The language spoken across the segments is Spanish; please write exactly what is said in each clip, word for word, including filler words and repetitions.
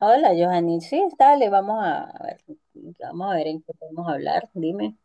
Hola, Johanny. Sí, dale, vamos a, a ver, vamos a ver en qué podemos hablar. Dime.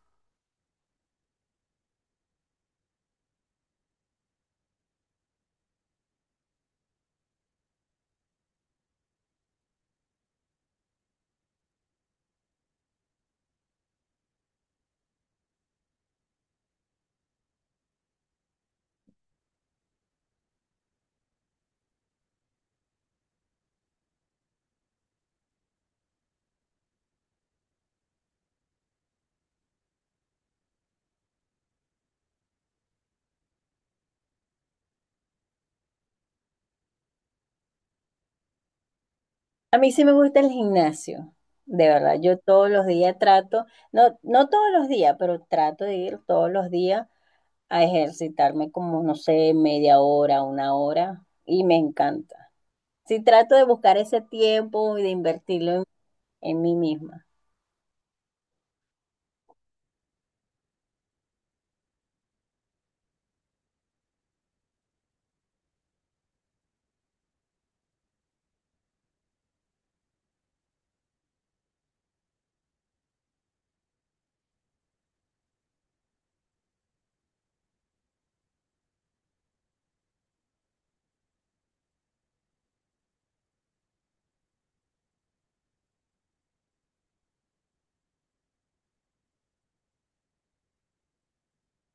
A mí sí me gusta el gimnasio, de verdad. Yo todos los días trato, no, no todos los días, pero trato de ir todos los días a ejercitarme como, no sé, media hora, una hora, y me encanta. Sí, trato de buscar ese tiempo y de invertirlo en, en mí misma.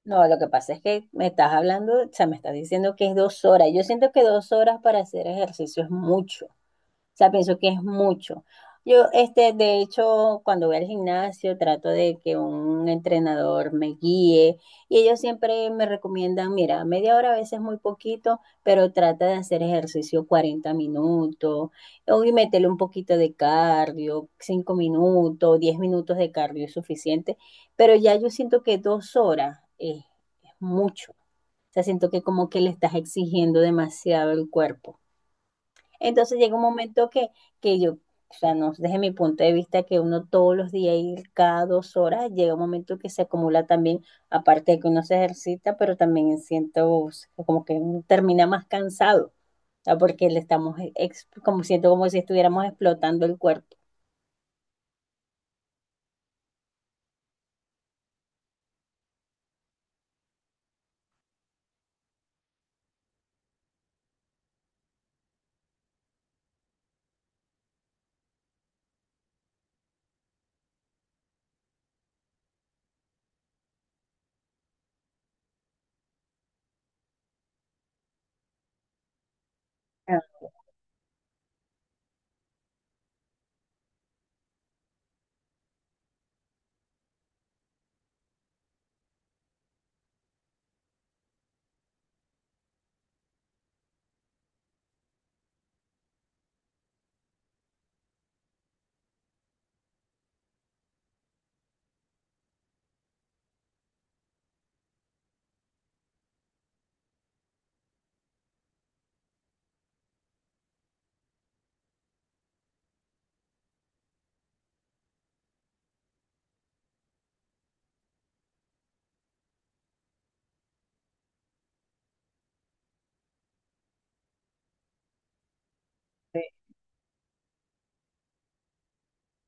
No, lo que pasa es que me estás hablando, o sea, me estás diciendo que es dos horas. Yo siento que dos horas para hacer ejercicio es mucho. O sea, pienso que es mucho. Yo, este, de hecho, cuando voy al gimnasio, trato de que un entrenador me guíe y ellos siempre me recomiendan, mira, media hora a veces es muy poquito, pero trata de hacer ejercicio cuarenta minutos, o y métele un poquito de cardio, cinco minutos, diez minutos de cardio es suficiente, pero ya yo siento que dos horas es, es mucho. O sea, siento que como que le estás exigiendo demasiado el cuerpo. Entonces llega un momento que, que yo, o sea, no desde mi punto de vista, que uno todos los días y cada dos horas, llega un momento que se acumula también, aparte de que uno se ejercita, pero también siento como que uno termina más cansado, o sea, porque le estamos, ex- como siento como si estuviéramos explotando el cuerpo.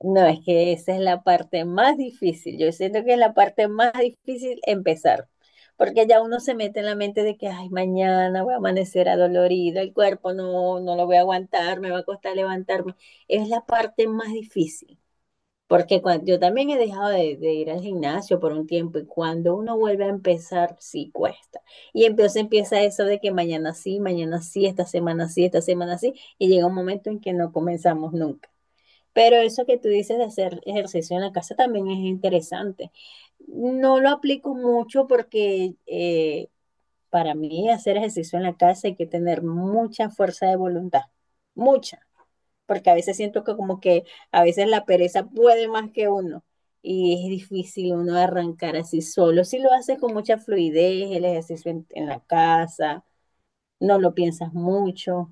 No, es que esa es la parte más difícil. Yo siento que es la parte más difícil empezar, porque ya uno se mete en la mente de que, ay, mañana voy a amanecer adolorido, el cuerpo no, no lo voy a aguantar, me va a costar levantarme. Es la parte más difícil, porque cuando, yo también he dejado de, de ir al gimnasio por un tiempo y cuando uno vuelve a empezar, sí cuesta. Y entonces empieza eso de que mañana sí, mañana sí, esta semana sí, esta semana sí, y llega un momento en que no comenzamos nunca. Pero eso que tú dices de hacer ejercicio en la casa también es interesante. No lo aplico mucho porque eh, para mí hacer ejercicio en la casa hay que tener mucha fuerza de voluntad, mucha, porque a veces siento que como que a veces la pereza puede más que uno y es difícil uno arrancar así solo. Si lo haces con mucha fluidez, el ejercicio en, en la casa, no lo piensas mucho.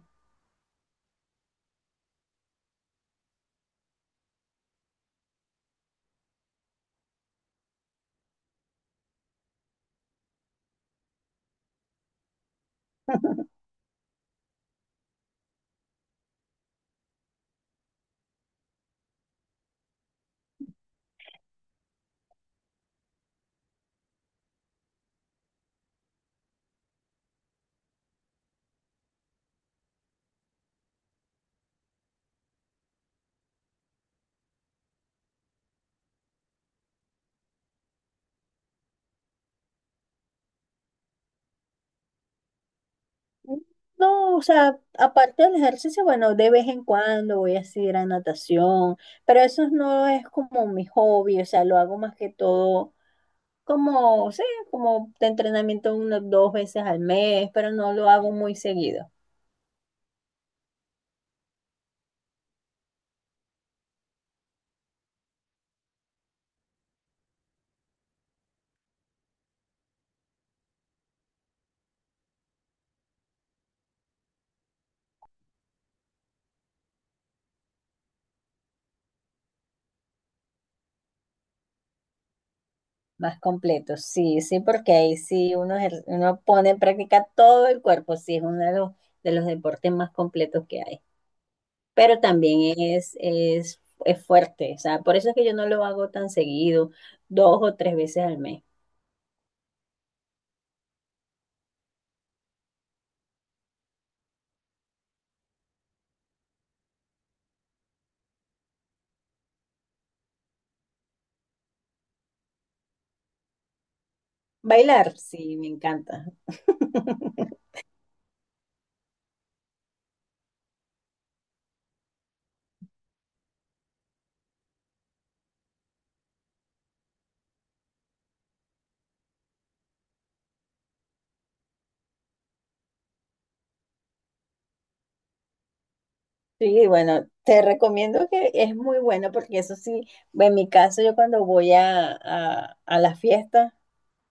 No, o sea, aparte del ejercicio, bueno, de vez en cuando voy a ir a natación, pero eso no es como mi hobby, o sea, lo hago más que todo como, sí, como de entrenamiento unas dos veces al mes, pero no lo hago muy seguido, más completo, sí, sí, porque ahí sí uno, ejer- uno pone en práctica todo el cuerpo, sí, es uno de los, de los deportes más completos que hay. Pero también es, es, es fuerte, o sea, por eso es que yo no lo hago tan seguido, dos o tres veces al mes. Bailar, sí, me encanta. Sí, bueno, te recomiendo que es muy bueno porque eso sí, en mi caso yo cuando voy a, a, a las fiestas,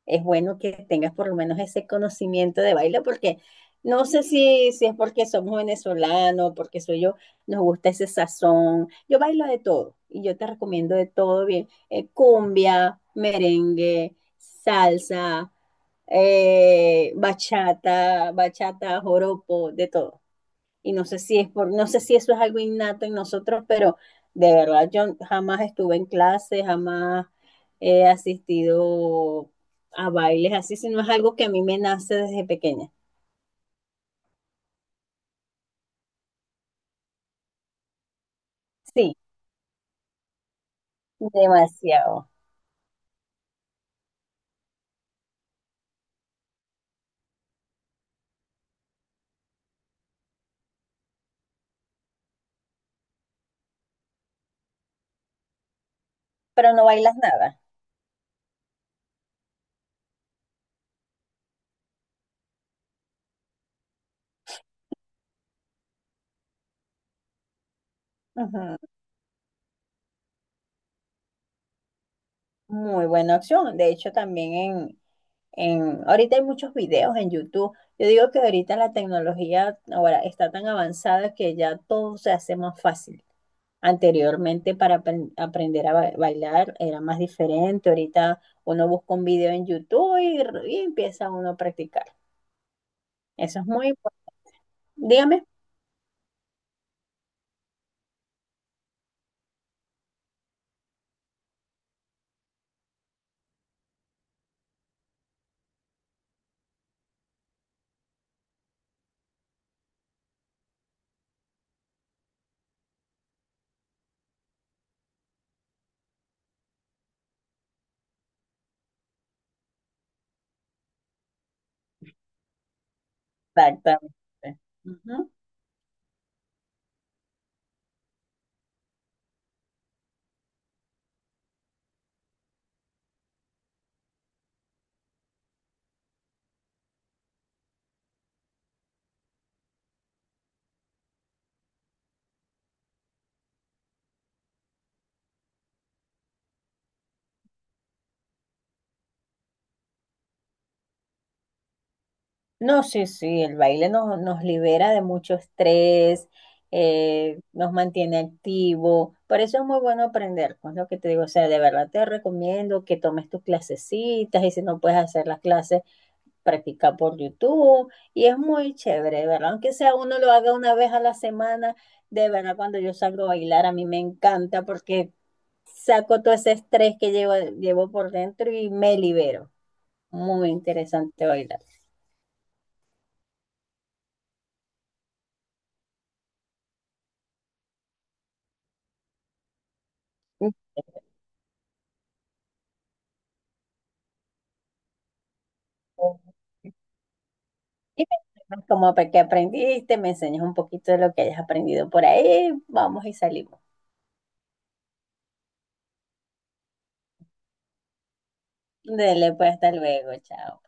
es bueno que tengas por lo menos ese conocimiento de baile, porque no sé si, si es porque somos venezolanos, porque soy yo, nos gusta ese sazón. Yo bailo de todo y yo te recomiendo de todo bien. eh, cumbia, merengue, salsa, eh, bachata, bachata, joropo, de todo y no sé si es por, no sé si eso es algo innato en nosotros, pero de verdad yo jamás estuve en clase, jamás he asistido a bailes así, sino es algo que a mí me nace desde pequeña. Sí, demasiado. Pero no bailas nada. Ujú. Muy buena opción. De hecho, también en, en, ahorita hay muchos videos en YouTube. Yo digo que ahorita la tecnología ahora está tan avanzada que ya todo se hace más fácil. Anteriormente para apren- aprender a ba- bailar era más diferente. Ahorita uno busca un video en YouTube y, r- y empieza uno a practicar. Eso es muy importante. Dígame. Exactamente. Ujú. No, sí, sí, el baile nos, nos libera de mucho estrés, eh, nos mantiene activo. Por eso es muy bueno aprender, con lo que te digo. O sea, de verdad te recomiendo que tomes tus clasecitas y si no puedes hacer las clases practicar por YouTube y es muy chévere, ¿verdad? Aunque sea uno lo haga una vez a la semana, de verdad cuando yo salgo a bailar a mí me encanta porque saco todo ese estrés que llevo, llevo por dentro y me libero. Muy interesante bailar. Ujú. Y me como que aprendiste, me enseñas un poquito de lo que hayas aprendido por ahí, vamos y salimos. Dele, pues hasta luego, chao.